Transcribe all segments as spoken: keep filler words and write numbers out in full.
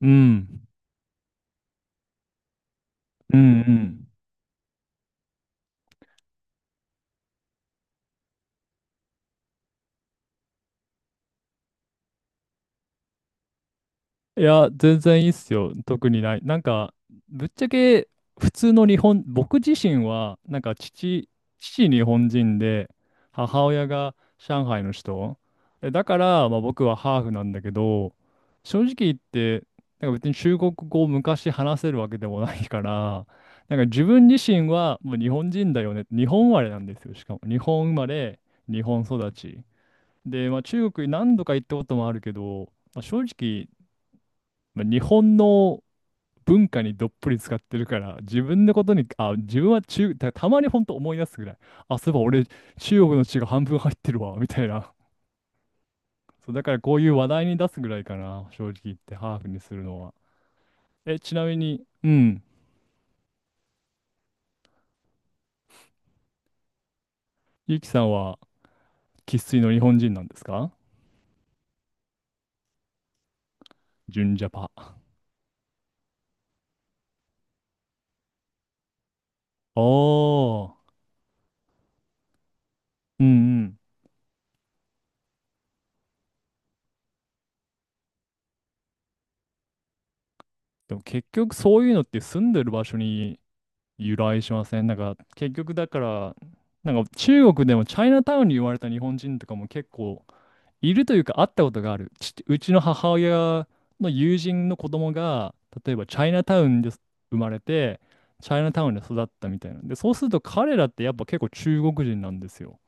うん。うんうん。いや、全然いいっすよ。特にない。なんか、ぶっちゃけ、普通の日本、僕自身は、なんか父、父日本人で、母親が上海の人。えだから、まあ僕はハーフなんだけど、正直言って、なんか別に中国語を昔話せるわけでもないから、なんか自分自身はもう日本人だよね。日本生まれなんですよ。しかも、日本生まれ、日本育ち。で、まあ、中国に何度か行ったこともあるけど、まあ、正直、まあ、日本の文化にどっぷり使ってるから、自分のことに、あ、自分は中、た、たまに本当思い出すぐらい、あ、そういえば俺、中国の血が半分入ってるわ、みたいな。そう、だからこういう話題に出すぐらいかな、正直言って、ハーフにするのは。え、ちなみに、うん、ゆきさんは生粋の日本人なんですか？純ジャパ。おー、うんうん。でも結局そういうのって住んでる場所に由来しません？なんか結局だから、なんか中国でもチャイナタウンに言われた日本人とかも結構いるというか会ったことがある。ちうちの母親の友人の子供が、例えばチャイナタウンで生まれて、チャイナタウンで育ったみたいな。で、そうすると彼らってやっぱ結構中国人なんですよ。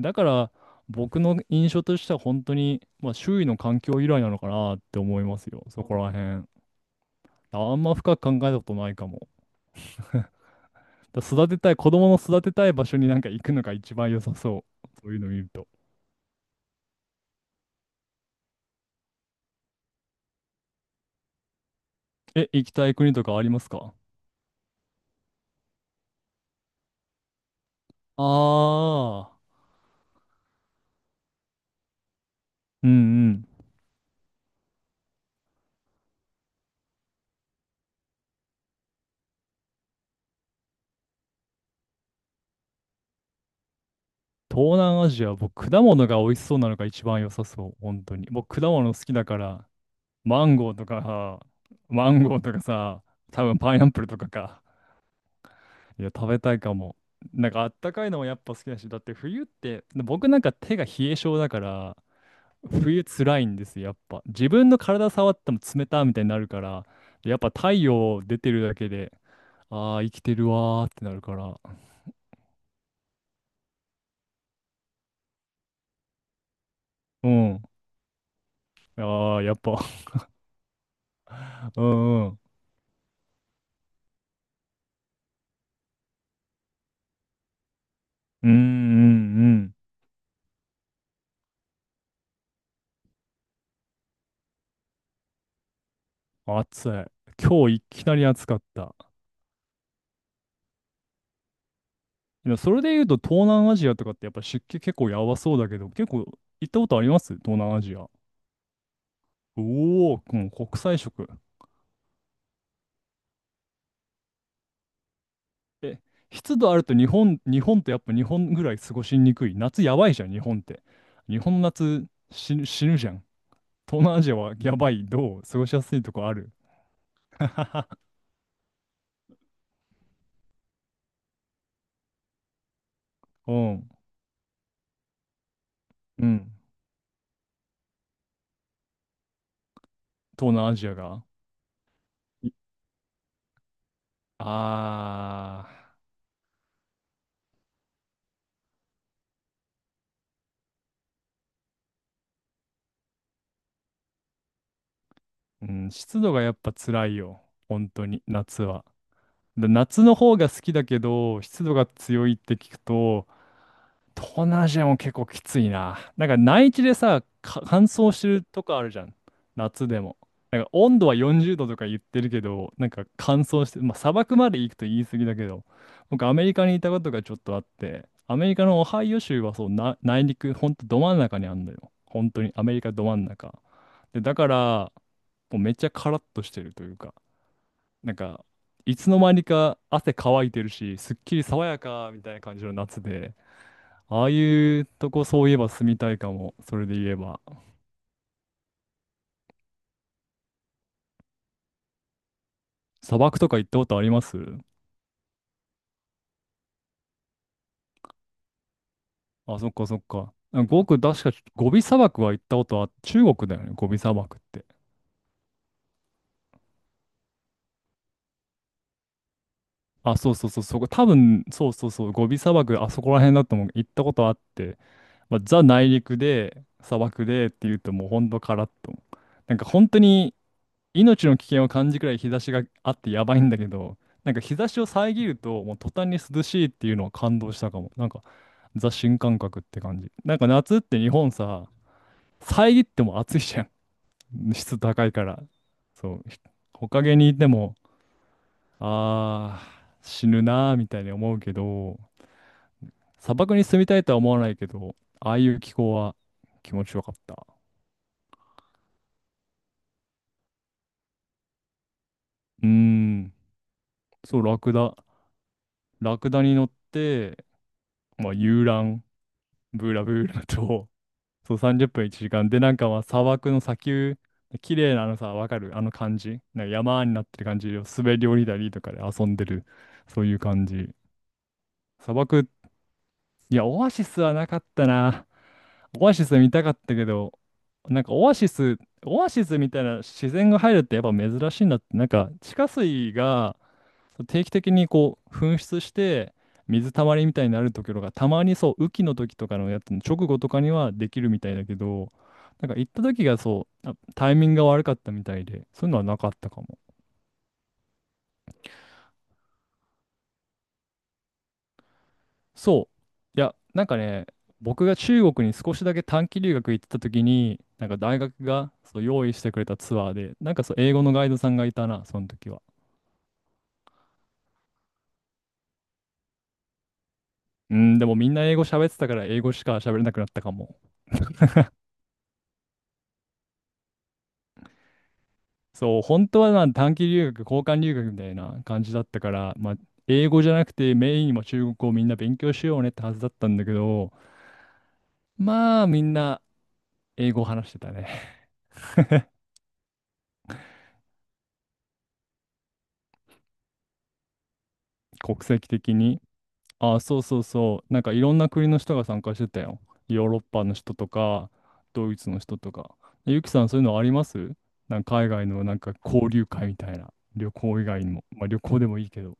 だから僕の印象としては本当に、まあ、周囲の環境由来なのかなって思いますよ。そこら辺。あんま深く考えたことないかも。だから育てたい、子供の育てたい場所になんか行くのが一番良さそう。そういうの見ると。え、行きたい国とかありますか？ああー、うんうん。東南アジア、僕、果物が美味しそうなのが一番良さそう。本当に。僕、果物好きだから、マンゴーとかさ、マンゴーとかさ、多分パイナップルとかか。いや、食べたいかも。なんかあったかいのもやっぱ好きだし、だって冬って、僕なんか手が冷え性だから、冬辛いんですよ、やっぱ。自分の体触っても冷たみたいになるから、やっぱ太陽出てるだけで、ああ、生きてるわーってなるから。うん。ああ、やっぱ。 うんうん。うんうんうん。暑い。今日いきなり暑かった。でもそれで言うと東南アジアとかってやっぱ湿気結構やばそうだけど、結構行ったことあります？東南アジア。おお、もう国際色。え、湿度あると日本、日本ってやっぱ日本ぐらい過ごしにくい。夏やばいじゃん、日本って。日本の夏死ぬ、死ぬじゃん。東南アジアはやばい。どう？過ごしやすいとこある？うん。うん。東南アジアが。いあー、うん、湿度がやっぱ辛いよ。本当に、夏は。で夏の方が好きだけど、湿度が強いって聞くと、東南アジアも結構きついな。なんか内地でさ、か乾燥してるとこあるじゃん。夏でも。なんか温度はよんじゅうどとか言ってるけど、なんか乾燥して、まあ砂漠まで行くと言い過ぎだけど、僕アメリカにいたことがちょっとあって、アメリカのオハイオ州はそう、な、内陸、ほんとど真ん中にあんのよ。本当にアメリカど真ん中。で、だから、もうめっちゃカラッとしてるというか、なんか、いつの間にか汗乾いてるし、すっきり爽やかみたいな感じの夏で、ああいうとこそういえば住みたいかも。それで言えば。砂漠とか行ったことあります？あ、そっかそっか。ごく確かゴビ砂漠は行ったことは中国だよね。ゴビ砂漠って。あ、そうそうそう、そこ、多分、そうそうそう、ゴビ砂漠、あそこら辺だと思う。行ったことあって、まあ、ザ内陸で、砂漠でっていうともうほんとカラッと。なんか本当に命の危険を感じくらい日差しがあってやばいんだけど、なんか日差しを遮ると、もう途端に涼しいっていうのは感動したかも。なんか、ザ新感覚って感じ。なんか夏って日本さ、遮っても暑いじゃん。湿度高いから。そう。ひ木陰にいても、あー、死ぬなーみたいに思うけど、砂漠に住みたいとは思わないけど、ああいう気候は気持ちよかった。うーん。そう、ラクダ。ラクダに乗って、まあ、遊覧。ブーラブーラと、そうさんじゅっぷんいちじかん。で、なんかまあ砂漠の砂丘、綺麗なあのさ、わかるあの感じ。なんか山になってる感じを滑り降りたりとかで遊んでる。そういう感じ。砂漠っいや、オアシスはなかったな。オアシス見たかったけど、なんかオアシス、オアシスみたいな自然が入るってやっぱ珍しいんだって、なんか地下水が定期的にこう噴出して水たまりみたいになるところがたまにそう雨季の時とかのやつの直後とかにはできるみたいだけど、なんか行った時がそう、あタイミングが悪かったみたいで、そういうのはなかったかも。そう。いや、なんかね、僕が中国に少しだけ短期留学行ってた時に、なんか大学がそう用意してくれたツアーで、なんかそう英語のガイドさんがいたな、その時は。うん、でもみんな英語喋ってたから英語しか喋れなくなったかも。そう、本当はな短期留学、交換留学みたいな感じだったから、まあ、英語じゃなくてメインにも中国語をみんな勉強しようねってはずだったんだけど、まあみんな英語を話してたね。国籍的に。あ、そうそうそう。なんかいろんな国の人が参加してたよ。ヨーロッパの人とか、ドイツの人とか。ゆきさん、そういうのあります？なんか海外のなんか交流会みたいな。旅行以外にも。まあ旅行でもいいけど。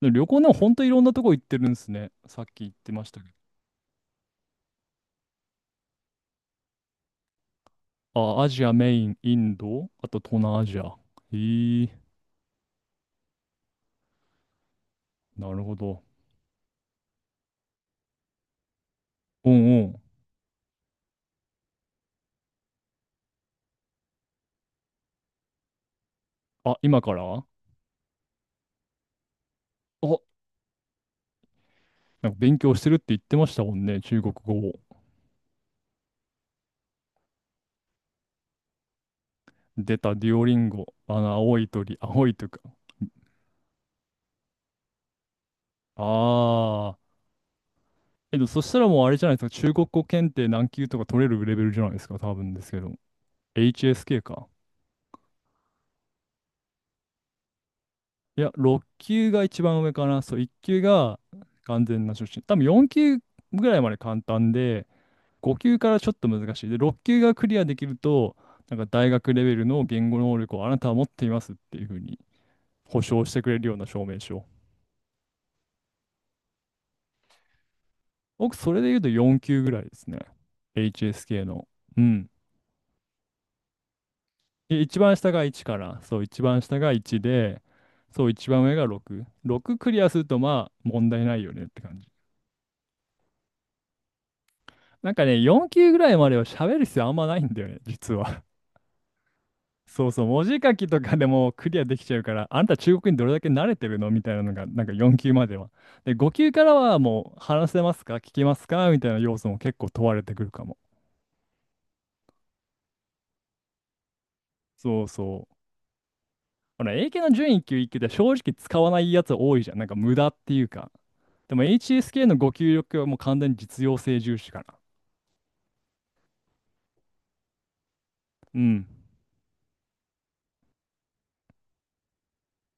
で旅行でも本当いろんなとこ行ってるんですね。さっき言ってましたけど。あ、アジアメイン、インド、あと東南アジア。へえ、なるほど。うんうん。あ、今から？あ、なんか勉強してるって言ってましたもんね、中国語を。出たデュオリンゴ、あの、青い鳥、青い鳥。ああ。えっと、そしたらもうあれじゃないですか。中国語検定何級とか取れるレベルじゃないですか。多分ですけど。エイチエスケー か。いや、ろっきゅう級が一番上かな。そう、いっきゅう級が完全な初心。多分よんきゅう級ぐらいまで簡単で、ごきゅう級からちょっと難しい。で、ろっきゅう級がクリアできると、なんか大学レベルの言語能力をあなたは持っていますっていうふうに保証してくれるような証明書。僕、それで言うとよんきゅう級ぐらいですね。エイチエスケー の。うん。い一番下がいちから、そう、一番下がいちで、そう、一番上がろく。ろくクリアすると、まあ、問題ないよねって感じ。なんかね、よんきゅう級ぐらいまでは喋る必要あんまないんだよね、実は。そうそう、文字書きとかでもクリアできちゃうから、あんた中国にどれだけ慣れてるのみたいなのが、なんかよんきゅう級までは。で、ごきゅう級からはもう、話せますか聞けますかみたいな要素も結構問われてくるかも。そうそう。ほら、英検の準じゅんいっきゅう級いっきゅう級って正直使わないやつ多いじゃん。なんか無駄っていうか。でも エイチエスケー のご給力はもう完全に実用性重視かな。うん。